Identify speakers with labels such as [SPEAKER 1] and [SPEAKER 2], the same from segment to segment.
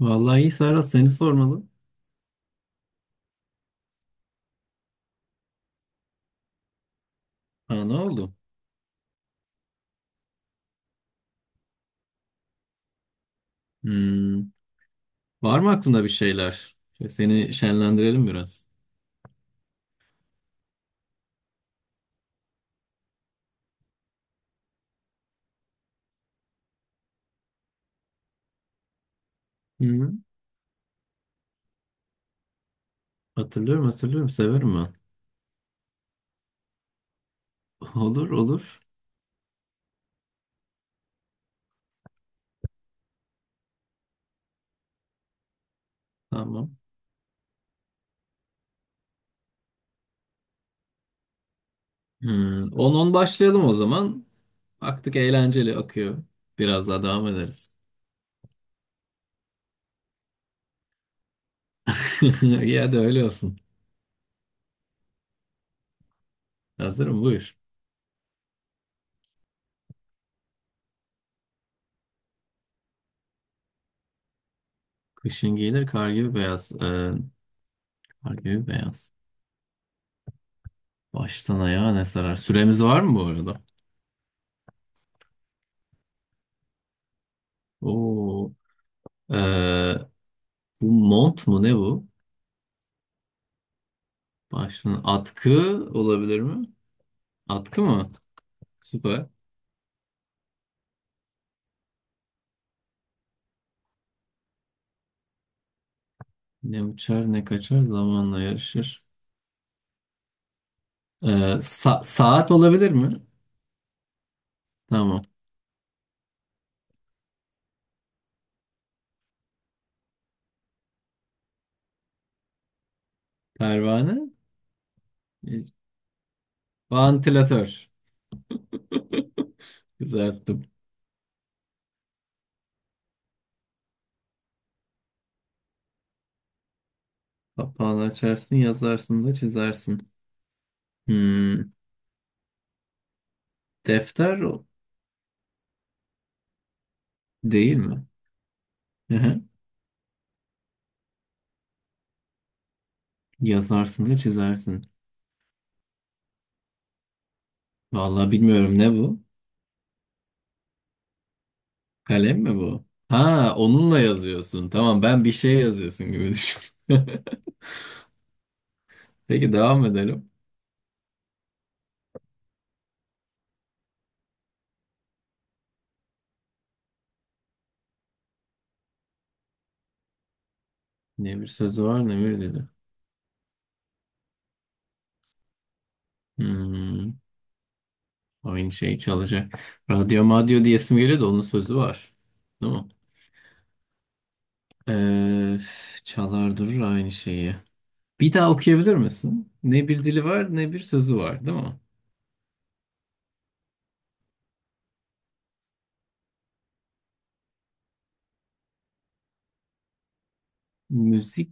[SPEAKER 1] Vallahi iyi Serhat seni sormalı. Ha, ne oldu? Hmm, Var mı aklında bir şeyler? Seni şenlendirelim biraz. Hı. Hatırlıyorum, hatırlıyorum, severim ben. Olur, olur. Tamam. 10 başlayalım o zaman. Baktık eğlenceli akıyor. Biraz daha devam ederiz. Ya da öyle olsun. Hazırım, buyur. Kışın giyilir, kar gibi beyaz. Kar gibi beyaz. Baştan ayağa ne sarar? Süremiz var mı bu arada? Oo. Ee, bu mont mu, ne bu? Başlığın, atkı olabilir mi? Atkı mı? Süper. Ne uçar, ne kaçar, zamanla yarışır. Ee, saat olabilir mi? Tamam. Pervane. Vantilatör. Güzel tuttum. Kapağını açarsın, yazarsın da çizersin. Hmm, defter değil mi? Hı hı. Yazarsın da çizersin. Vallahi bilmiyorum ne bu? Kalem mi bu? Ha, onunla yazıyorsun. Tamam, ben bir şey yazıyorsun gibi düşün. Peki, devam edelim. Ne bir sözü var, ne bir dedi. Hmm, aynı şey çalacak. Radyo madyo diyesim geliyor da onun sözü var. Değil mi? Ee, çalar durur aynı şeyi. Bir daha okuyabilir misin? Ne bir dili var, ne bir sözü var, değil mi? Müzik,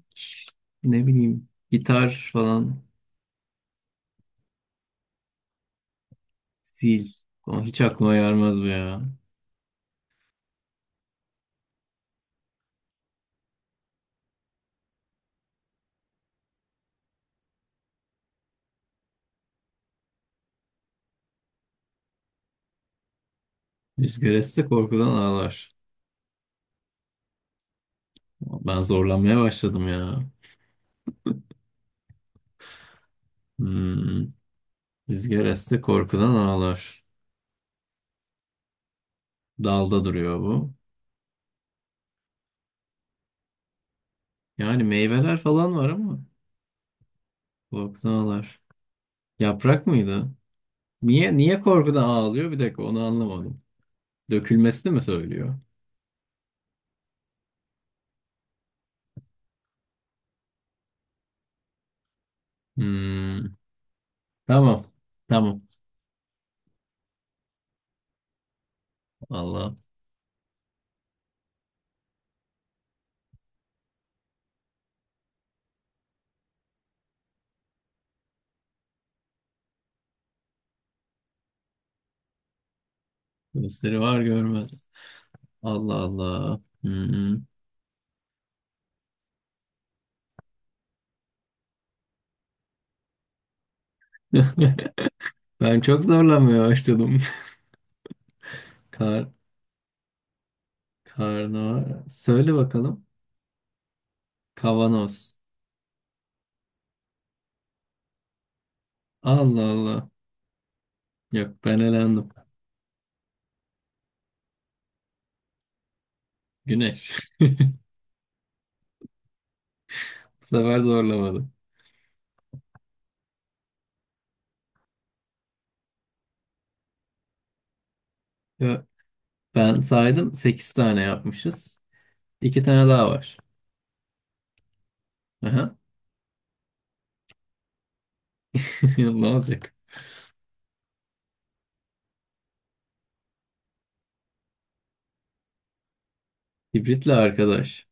[SPEAKER 1] ne bileyim, gitar falan. Zil. Ama hiç aklıma gelmez bu ya. Rüzgar esse korkudan ağlar. Ben zorlanmaya başladım ya. Hmm. Rüzgar esse korkudan ağlar. Dalda duruyor bu. Yani meyveler falan var ama korkudan ağlar. Yaprak mıydı? Niye, niye korkudan ağlıyor? Bir dakika, onu anlamadım. Dökülmesini mi söylüyor? Hmm, tamam. Tamam. Allah. Gösteri var, görmez. Allah Allah. Hmm. Ben çok zorlanmaya başladım. Kar, karnı söyle bakalım. Kavanoz. Allah Allah. Yok, ben elendim. Güneş. Bu sefer zorlamadı. Ya, ben saydım 8 tane yapmışız. 2 tane daha var. Aha. Ne olacak? Kibritli arkadaş.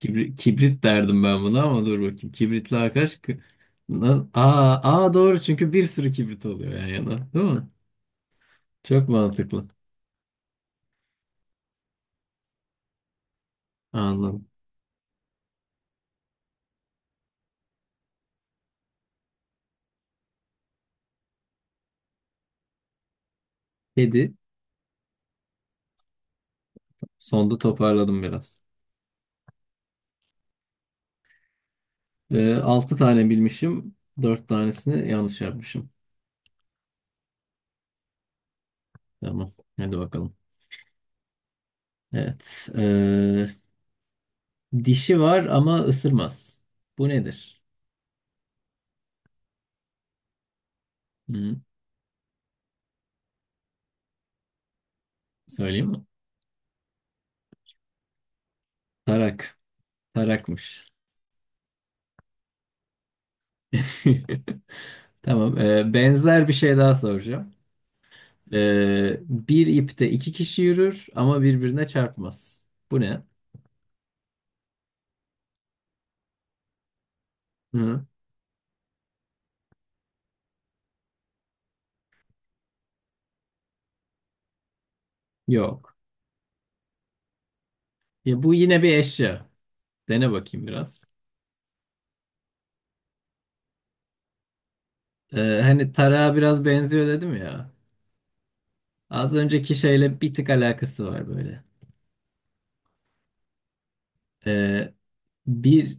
[SPEAKER 1] Kibrit derdim ben buna ama dur bakayım. Kibritli arkadaş aa, aa, doğru, çünkü bir sürü kibrit oluyor yan yana. Değil mi? Çok mantıklı. Anladım. Kedi. Sonda toparladım biraz. 6 tane bilmişim. 4 tanesini yanlış yapmışım. Tamam. Hadi bakalım. Evet. Dişi var ama ısırmaz. Bu nedir? Hı, söyleyeyim mi? Tarak. Tarakmış. Tamam. Benzer bir şey daha soracağım. Bir ipte iki kişi yürür ama birbirine çarpmaz. Bu ne? Hı? Yok. Ya, bu yine bir eşya. Dene bakayım biraz. Hani tarağa biraz benziyor dedim ya. Az önceki şeyle bir tık alakası var böyle. E, bir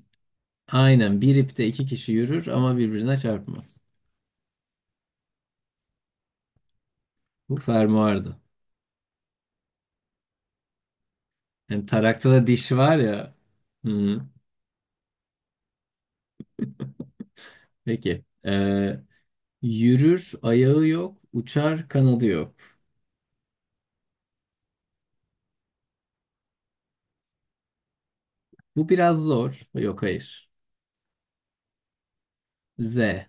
[SPEAKER 1] aynen bir ipte iki kişi yürür ama birbirine çarpmaz. Bu fermuardı. Hem tarakta da diş var ya. Hı. Peki. Yürür, ayağı yok, uçar, kanadı yok. Bu biraz zor. Yok, hayır. Z.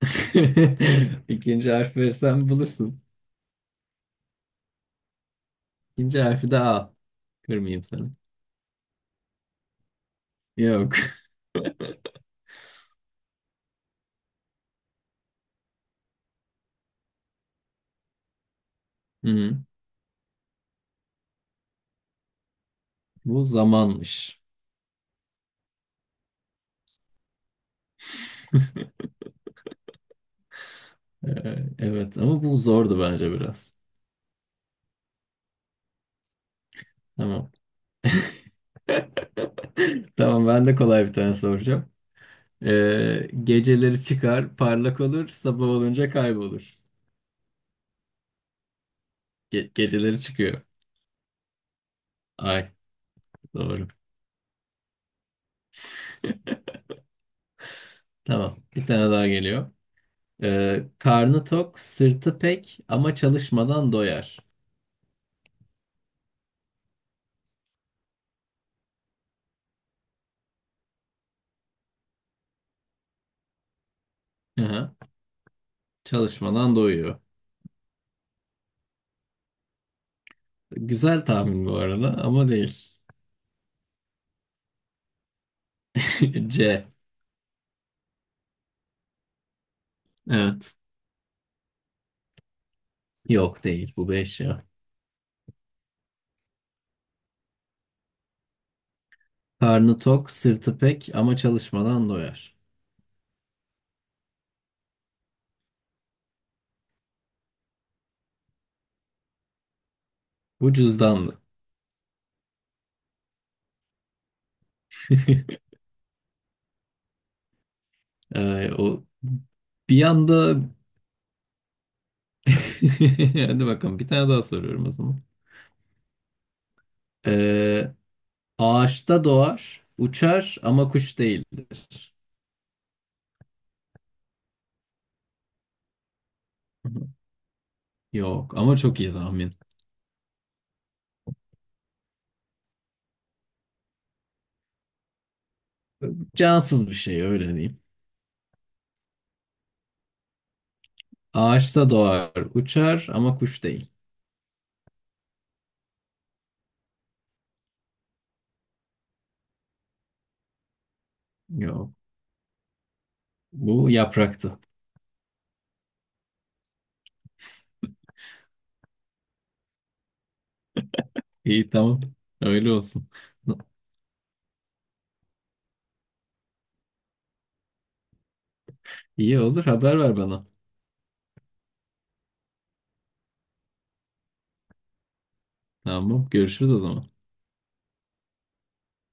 [SPEAKER 1] İkinci harf verirsen bulursun. İkinci harfi de A. Kırmayayım seni. Yok. Hı. Bu zamanmış. Evet ama bu zordu bence biraz. Tamam. Tamam, ben de kolay bir tane soracağım. Geceleri çıkar, parlak olur, sabah olunca kaybolur. Geceleri çıkıyor. Ay, doğru. Tamam, bir tane daha geliyor. Karnı tok, sırtı pek ama çalışmadan doyar. Aha, çalışmadan doyuyor. Güzel tahmin bu arada ama değil. C. Evet. Yok, değil bu beş ya. Karnı tok, sırtı pek ama çalışmadan doyar. Bu cüzdanlı. O bir anda. Hadi bakalım, bir tane daha soruyorum o zaman. Ee, ağaçta doğar, uçar ama kuş değildir. Yok ama çok iyi tahmin. Cansız bir şey, öyle diyeyim. Ağaçta doğar, uçar ama kuş değil. Yok. Bu yapraktı. İyi, tamam. Öyle olsun. İyi olur, haber ver bana. Tamam, görüşürüz o zaman.